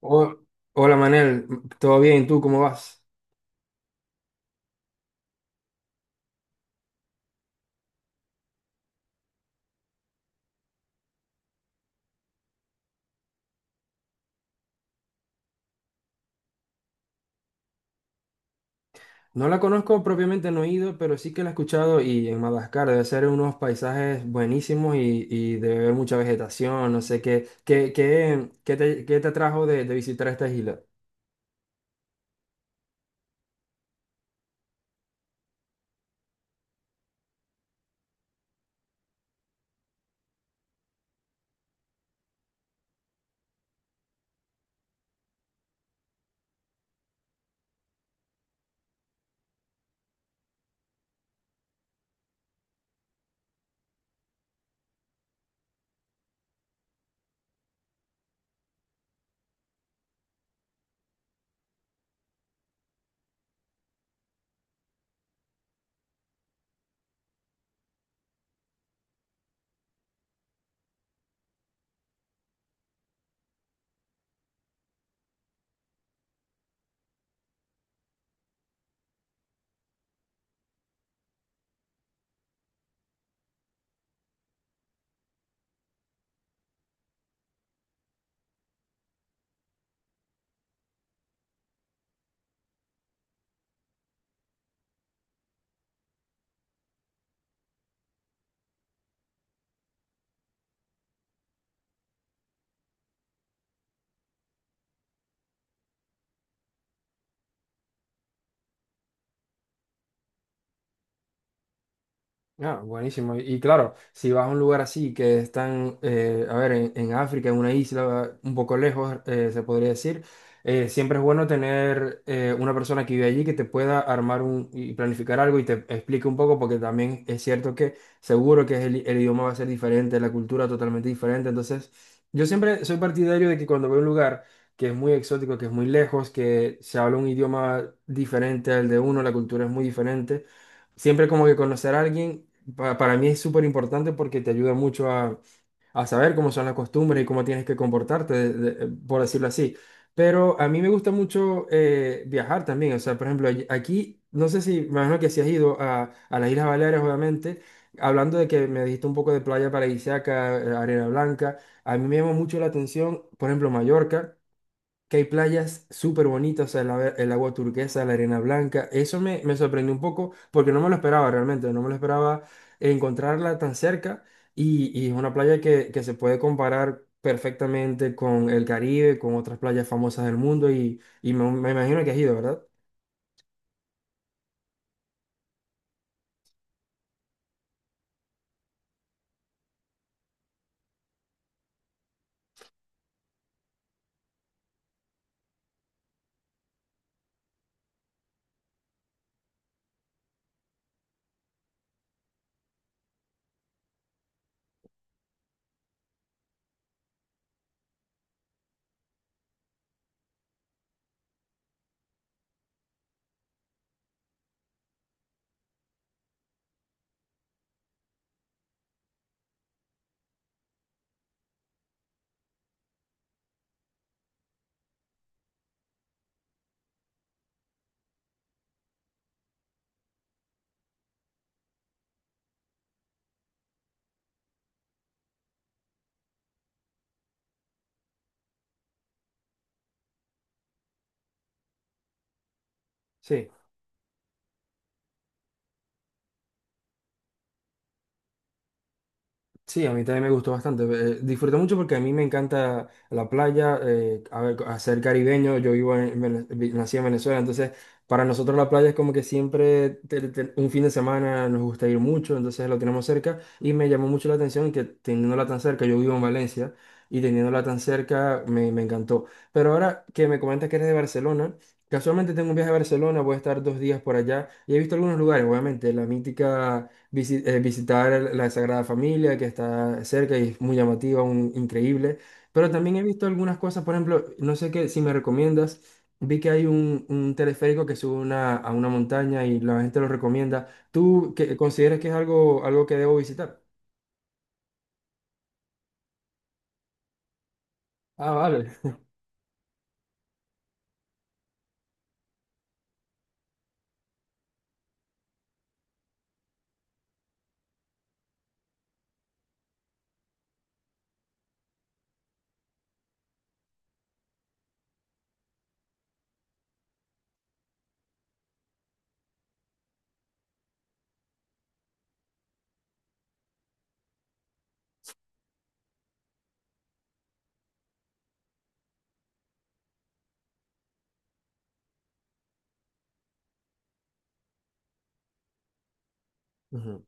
Oh, hola Manel, ¿todo bien? ¿Tú cómo vas? No la conozco propiamente, no he ido, pero sí que la he escuchado y en Madagascar debe ser unos paisajes buenísimos y debe haber mucha vegetación, no sé qué, qué te atrajo de visitar esta isla. Ah, buenísimo. Y claro, si vas a un lugar así que están, a ver, en África, en una isla un poco lejos, se podría decir, siempre es bueno tener una persona que vive allí que te pueda armar un, y planificar algo y te explique un poco, porque también es cierto que seguro que es el idioma va a ser diferente, la cultura totalmente diferente. Entonces, yo siempre soy partidario de que cuando voy a un lugar que es muy exótico, que es muy lejos, que se habla un idioma diferente al de uno, la cultura es muy diferente. Siempre como que conocer a alguien para mí es súper importante porque te ayuda mucho a saber cómo son las costumbres y cómo tienes que comportarte, por decirlo así. Pero a mí me gusta mucho viajar también. O sea, por ejemplo, aquí, no sé si, me imagino que si has ido a las Islas Baleares, obviamente, hablando de que me dijiste un poco de playa paradisíaca, arena blanca, a mí me llama mucho la atención, por ejemplo, Mallorca, que hay playas súper bonitas, o sea, el agua turquesa, la arena blanca. Eso me, me sorprendió un poco porque no me lo esperaba realmente, no me lo esperaba encontrarla tan cerca y es una playa que se puede comparar perfectamente con el Caribe, con otras playas famosas del mundo y me imagino que has ido, ¿verdad? Sí. Sí, a mí también me gustó bastante. Disfruté mucho porque a mí me encanta la playa, a ver, hacer caribeño. Yo vivo en, nací en Venezuela, entonces para nosotros la playa es como que siempre un fin de semana nos gusta ir mucho, entonces lo tenemos cerca y me llamó mucho la atención que teniéndola tan cerca, yo vivo en Valencia y teniéndola tan cerca me, me encantó. Pero ahora que me comentas que eres de Barcelona, casualmente tengo un viaje a Barcelona, voy a estar dos días por allá y he visto algunos lugares, obviamente, la mítica visitar la Sagrada Familia, que está cerca y es muy llamativa, un, increíble. Pero también he visto algunas cosas, por ejemplo, no sé qué, si me recomiendas, vi que hay un teleférico que sube a una montaña y la gente lo recomienda. ¿Tú consideras que es algo, algo que debo visitar? Ah, vale. Ujú.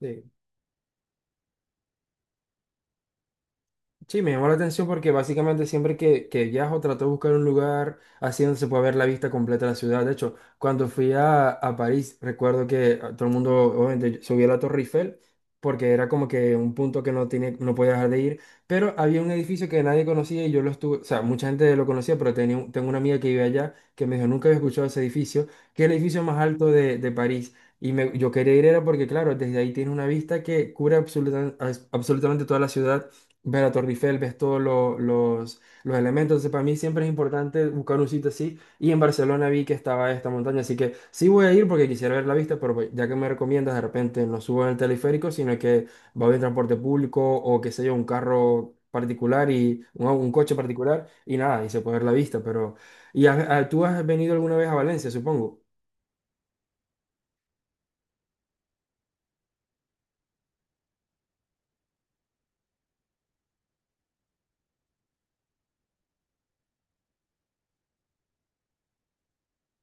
Sí. Sí, me llamó la atención porque básicamente siempre que viajo trato de buscar un lugar así donde se pueda ver la vista completa de la ciudad. De hecho, cuando fui a París, recuerdo que ah, todo el mundo obviamente subió a la Torre Eiffel porque era como que un punto que no tiene, no podía dejar de ir. Pero había un edificio que nadie conocía y yo lo estuve, o sea, mucha gente lo conocía, pero tenía, tengo una amiga que vive allá que me dijo, nunca había escuchado ese edificio, que es el edificio más alto de París. Yo quería ir era porque, claro, desde ahí tiene una vista que cubre absolutamente toda la ciudad, ver la Torre Eiffel, ves los elementos. Entonces, para mí siempre es importante buscar un sitio así. Y en Barcelona vi que estaba esta montaña, así que sí voy a ir porque quisiera ver la vista, pero ya que me recomiendas, de repente no subo en el teleférico, sino que voy en transporte público o qué sé yo, un carro particular y un coche particular y nada, y se puede ver la vista, pero... ¿Y tú has venido alguna vez a Valencia, supongo?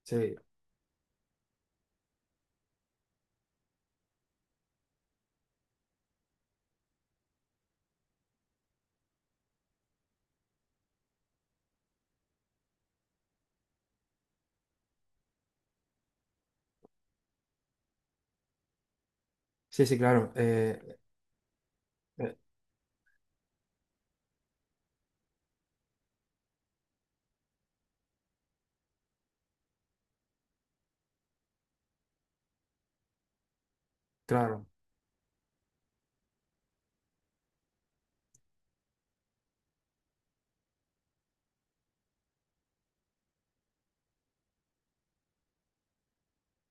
Sí, sí, sí, claro. Eh, eh, claro,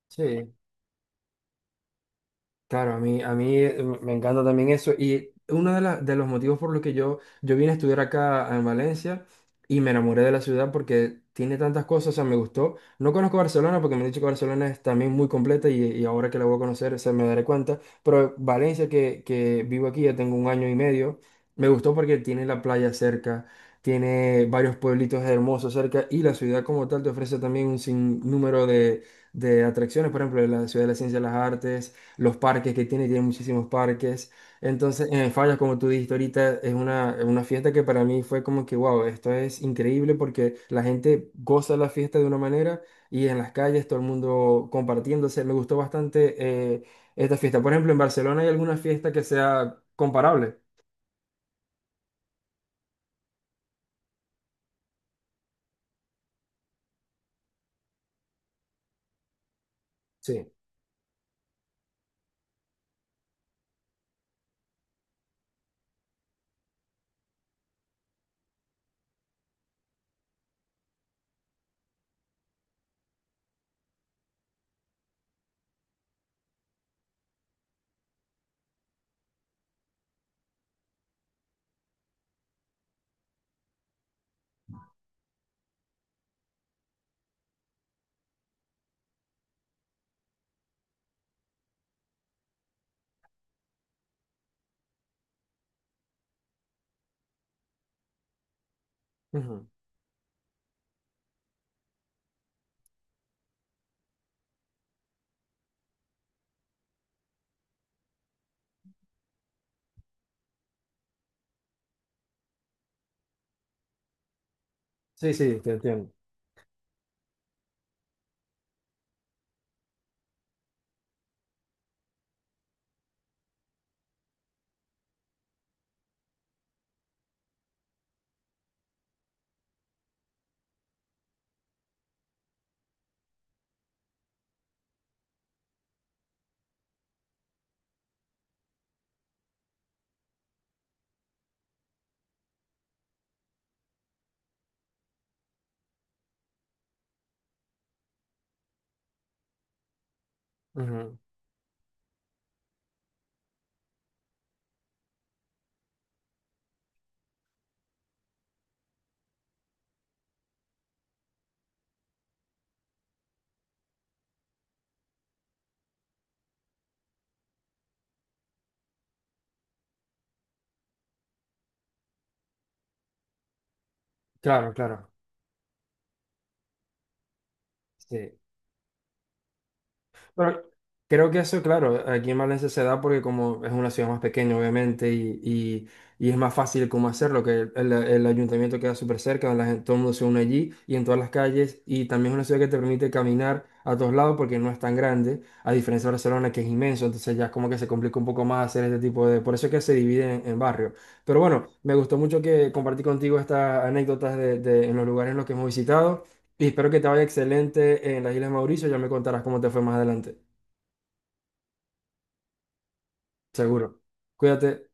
sí. Claro, a mí, a mí me encanta también eso. Y uno de, de los motivos por los que yo vine a estudiar acá en Valencia y me enamoré de la ciudad porque tiene tantas cosas, o sea, me gustó. No conozco Barcelona porque me han dicho que Barcelona es también muy completa y ahora que la voy a conocer se me daré cuenta. Pero Valencia, que vivo aquí, ya tengo un año y medio, me gustó porque tiene la playa cerca, tiene varios pueblitos hermosos cerca y la ciudad como tal te ofrece también un sinnúmero de atracciones. Por ejemplo, la ciudad de la ciencia y las artes, los parques que tiene, tiene muchísimos parques. Entonces, en Fallas, como tú dijiste ahorita, es una fiesta que para mí fue como que, wow, esto es increíble porque la gente goza la fiesta de una manera y en las calles todo el mundo compartiéndose. Me gustó bastante eh, esta fiesta. Por ejemplo, en Barcelona hay alguna fiesta que sea comparable. Sí. Ujú. Sí, sí, te entiendo. Ujú. Claro, claro. Sí. Bueno, creo que eso, claro, aquí en Valencia se da porque como es una ciudad más pequeña, obviamente, y es más fácil cómo hacerlo, que el ayuntamiento queda súper cerca, la gente- todo el mundo se une allí y en todas las calles, y también es una ciudad que te permite caminar a todos lados porque no es tan grande, a diferencia de Barcelona, que es inmenso, entonces ya es como que se complica un poco más hacer este tipo de... Por eso es que se divide en barrios. Pero bueno, me gustó mucho que compartí contigo estas anécdotas de, en los lugares en los que hemos visitado. Y espero que te vaya excelente en las Islas Mauricio. Ya me contarás cómo te fue más adelante. Seguro. Cuídate.